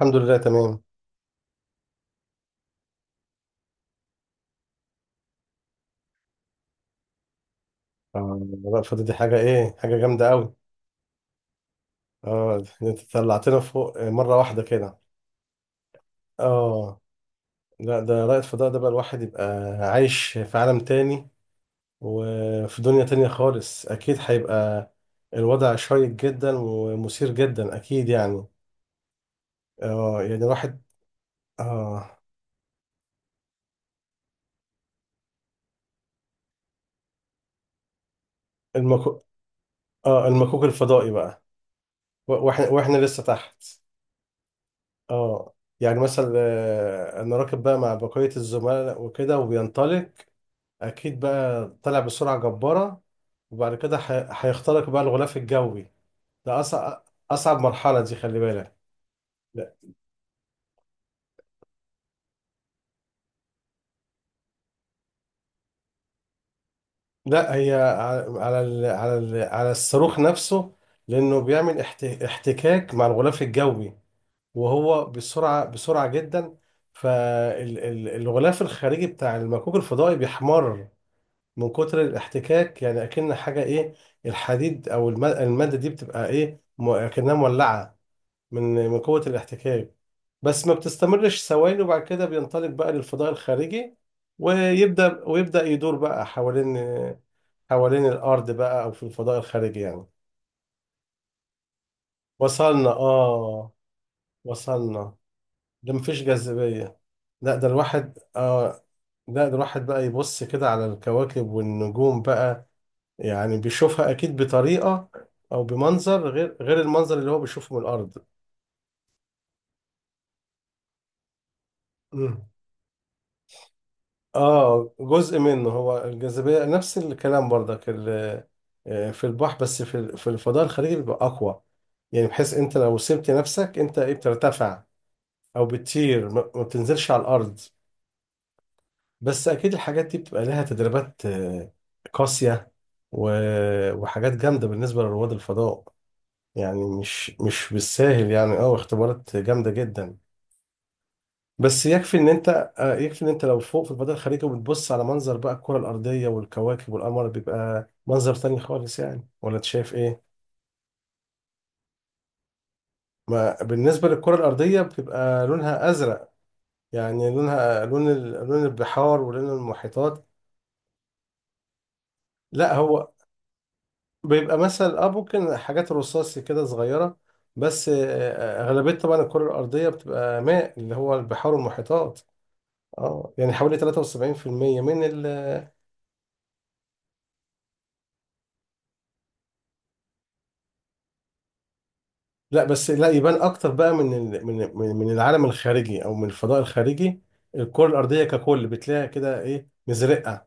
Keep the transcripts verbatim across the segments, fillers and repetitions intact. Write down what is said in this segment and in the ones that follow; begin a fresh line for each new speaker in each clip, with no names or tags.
الحمد لله تمام. آه، الوقفة دي حاجة إيه، حاجة جامدة أوي. آه، أنت طلعتنا فوق مرة واحدة كده. آه لا، ده رائد فضاء، ده بقى الواحد يبقى عايش في عالم تاني، وفي دنيا تانية خالص. أكيد هيبقى الوضع شيق جدا ومثير جدا، أكيد يعني. آه يعني الواحد. آه المكو آه المكوك الفضائي بقى. و- وإحنا وإحنا لسه تحت. آه يعني مثلا، آه، أنا راكب بقى مع بقية الزملاء وكده، وبينطلق. اكيد بقى طلع بسرعه جباره. وبعد كده هي- هيخترق بقى الغلاف الجوي. ده اصعب اصعب مرحله دي، خلي بالك. لا لا، هي على على ال- على ال- على الصاروخ نفسه، لانه بيعمل احت- احتكاك مع الغلاف الجوي، وهو بسرعه بسرعه جدا. فالغلاف الخارجي بتاع المكوك الفضائي بيحمر من كتر الاحتكاك، يعني اكن حاجه ايه، الحديد او الم- الماده دي بتبقى ايه، م- اكنها مولعه من من قوة الاحتكاك. بس ما بتستمرش ثواني، وبعد كده بينطلق بقى للفضاء الخارجي. ويبدأ ويبدأ يدور بقى حوالين حوالين الأرض بقى، أو في الفضاء الخارجي يعني. وصلنا آه وصلنا ده مفيش جاذبية. لا ده الواحد آه لا، ده الواحد بقى يبص كده على الكواكب والنجوم بقى، يعني بيشوفها أكيد بطريقة، أو بمنظر غير غير المنظر اللي هو بيشوفه من الأرض. اه، جزء منه هو الجاذبية، نفس الكلام برضك ال- آه، في البحر، بس في ال- في الفضاء الخارجي بيبقى أقوى، يعني بحيث أنت لو سبت نفسك أنت إيه، بترتفع أو بتطير، ما ما بتنزلش على الأرض. بس أكيد الحاجات دي بتبقى لها تدريبات آه، قاسية. و- وحاجات جامدة بالنسبة لرواد الفضاء، يعني مش مش بالساهل، يعني اه اختبارات جامدة جدا. بس يكفي ان انت آه، يكفي ان انت لو فوق في البدر الخليجي، وبتبص على منظر بقى الكرة الأرضية والكواكب والقمر، بيبقى منظر تاني خالص، يعني، ولا انت شايف ايه؟ ما بالنسبة للكرة الأرضية، بتبقى لونها أزرق، يعني لونها لون ال- لون البحار ولون المحيطات. لا، هو بيبقى مثلا اه ممكن حاجات رصاصي كده صغيرة بس. آه، آه، أغلبية طبعا الكرة الأرضية بتبقى ماء، اللي هو البحار والمحيطات. اه، يعني حوالي ثلاث وسبعين في المية من ال لا، بس لا يبان اكتر بقى من ال- من من من العالم الخارجي او من الفضاء الخارجي. الكره الارضيه ككل بتلاقيها كده ايه، مزرقه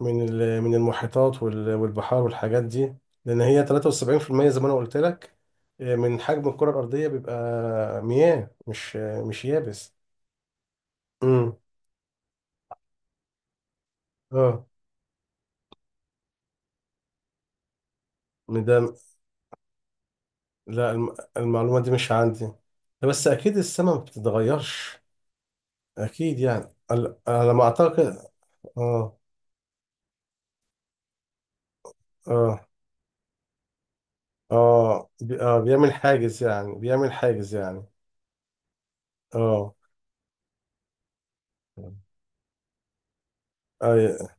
من ال- من المحيطات وال- والبحار والحاجات دي، لان هي ثلاث وسبعين في المية زي ما انا قلت لك. آه، من حجم الكره الارضيه بيبقى مياه، مش آه، مش يابس. امم، اه، من ده. لا، الم- المعلومه دي مش عندي. لا، بس اكيد السماء ما بتتغيرش. اكيد يعني، على على ما اعتقد. اه. اه اه بي- اه بيعمل حاجز، يعني بيعمل حاجز يعني. اه اه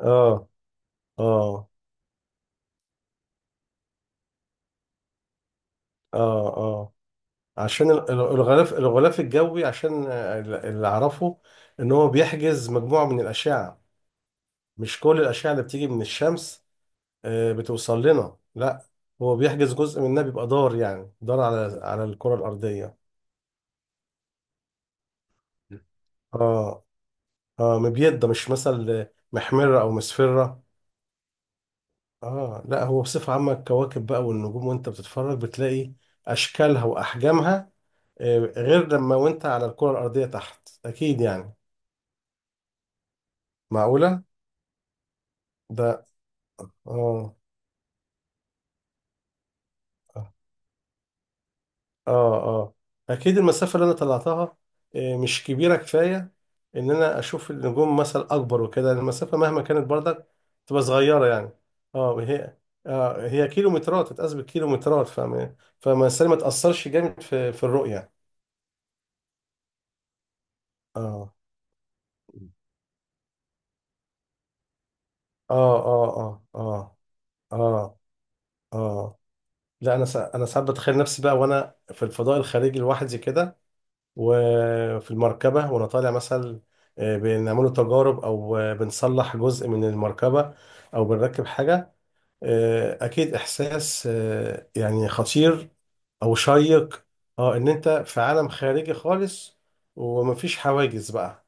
اه اه اه اه. عشان ال- ال- الغلاف الغلاف الجوي، عشان آه، ال- اللي اعرفه ان هو بيحجز مجموعة من الاشعة، مش كل الاشعة اللي بتيجي من الشمس آه، بتوصل لنا، لا، هو بيحجز جزء منها، بيبقى دار، يعني دار على على الكرة الارضية. اه اه، مبيضة مش مثل، محمرة او مسفرة. اه، لا هو بصفة عامة الكواكب بقى والنجوم، وانت بتتفرج بتلاقي اشكالها واحجامها آه، غير لما وانت على الكرة الارضية تحت، اكيد يعني. معقولة. ده. اه اه اه. اكيد المسافة اللي انا طلعتها آه، مش كبيرة كفاية، ان انا اشوف النجوم مثلا اكبر وكده، المسافة مهما كانت برضك تبقى صغيرة يعني. اه هي، آه هي كيلومترات، تتقاس بالكيلومترات، فما فما الإنسان ما تأثرش جامد في في الرؤية. اه اه اه اه اه اه اه. لا، انا سا... انا ساعات بتخيل نفسي بقى وانا في الفضاء الخارجي لوحدي كده، وفي المركبه وانا طالع مثلا آه، بنعمله تجارب، او آه، بنصلح جزء من المركبه، او بنركب حاجه. آه، اكيد احساس آه، يعني خطير، او شيق. اه، ان انت في عالم خارجي خالص، ومفيش حواجز بقى،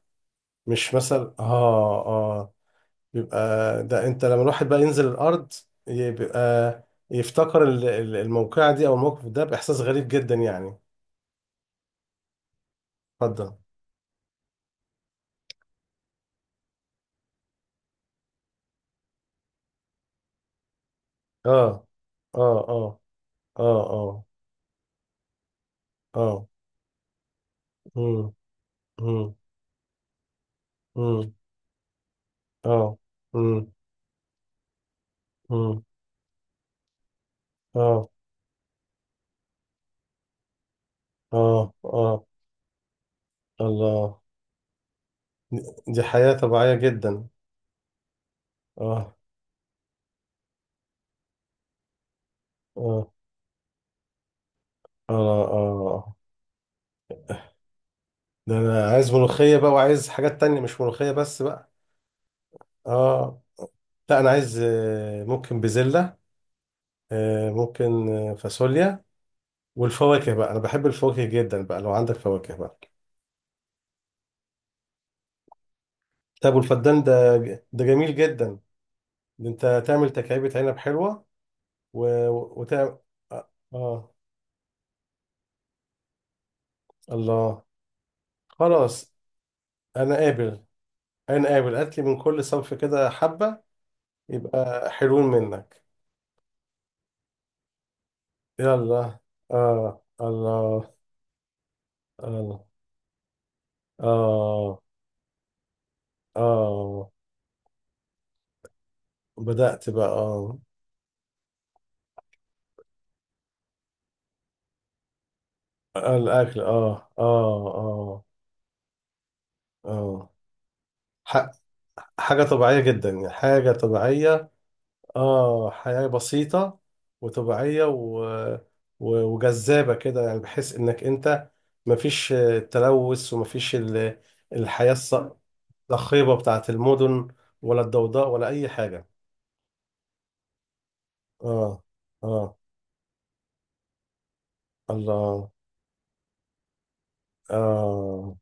مش مثلا اه آه. بيبقى، ده انت لما الواحد بقى ينزل الارض، ي- بيبقى يفتكر ال- ال- الموقعة دي او الموقف ده باحساس غريب جدا يعني. اتفضل. اه اه اه اه اه اه. امم امم امم. اه. امم امم. اه اه اه. الله. دي دي حياة طبيعية جدا. اه اه اه اه. ده انا عايز ملوخية بقى، وعايز حاجات تانية، مش ملوخية بس بقى. اه، لا، انا عايز آه، ممكن بزلة، آه، ممكن آه، فاصوليا. والفواكه بقى، انا بحب الفواكه جدا بقى، لو عندك فواكه بقى. طب والفدان ده، ده جميل جدا. ده انت تعمل تكعيبة عنب حلوة و... وتعمل آه آه، الله، خلاص. انا قابل انا قابل هات لي من كل صنف كده حبة، يبقى حلوين منك. يلا، اه، الله، الله، اه، اه. بدأت بقى، اه، الاكل، اه اه اه اه. حاجة طبيعية جدا، يعني حاجة طبيعية. اه، حياة بسيطة وطبيعية و... و... وجذابة كده، يعني بحيث انك انت مفيش آه، تلوث، ومفيش ال... الحياة الص- الصاخبة بتاعت المدن، ولا الضوضاء ولا أي حاجة. اه. اه. الله. اه.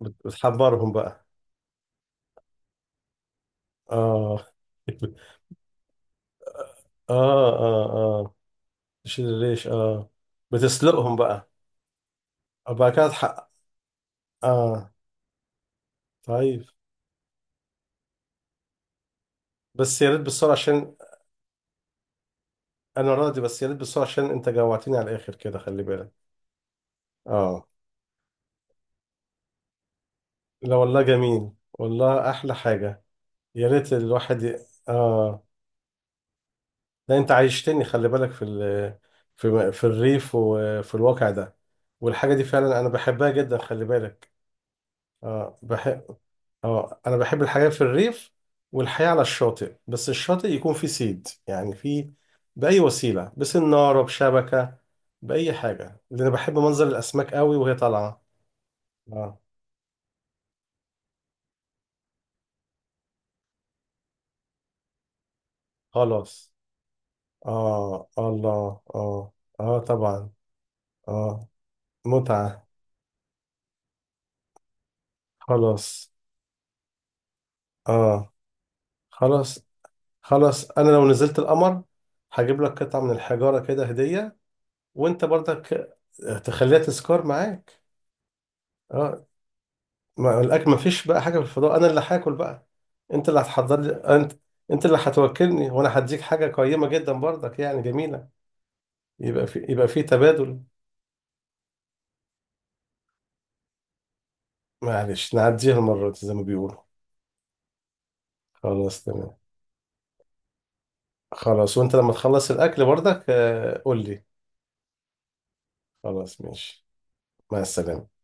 بت- بتحمرهم بقى. اه. اه اه اه. تشيل الريش، اه. بتسلقهم بقى. بقى كده تحقق. اه. طيب، بس يا ريت بالسرعة عشان. أنا راضي، بس يا ريت بالسرعة عشان أنت جوعتني على الآخر كده، خلي بالك. آه. لا والله، جميل والله، أحلى حاجة. يا ريت الواحد ي... آه، لا، أنت عايشتني خلي بالك في ال... في في الريف، وفي الواقع ده، والحاجة دي فعلا أنا بحبها جدا، خلي بالك. آه بح... اه، انا بحب الحياة في الريف، والحياة على الشاطئ، بس الشاطئ يكون فيه صيد، يعني فيه، بأي وسيلة، بسنارة بشبكة، بأي حاجة، لأن أنا بحب منظر الأسماك قوي وهي طالعة. اه. خلاص. اه، الله، اه، اه، طبعا، اه، متعة، خلاص، اه، خلاص. خلاص، أنا لو نزلت القمر، هجيب لك قطعة من الحجارة كده هدية، وأنت برضك تخليها تذكار معاك. اه، ما الاكل ما فيش بقى حاجه في الفضاء، انا اللي هاكل بقى، انت اللي هتحضر لي، انت انت اللي هتوكلني، وانا هديك حاجه قيمه جدا برضك، يعني جميله. يبقى في، يبقى في تبادل. معلش نعديها المره دي زي ما بيقولوا. خلاص تمام. خلاص، وانت لما تخلص الاكل برضك آه، قول لي. خلاص ماشي. مع السلامه.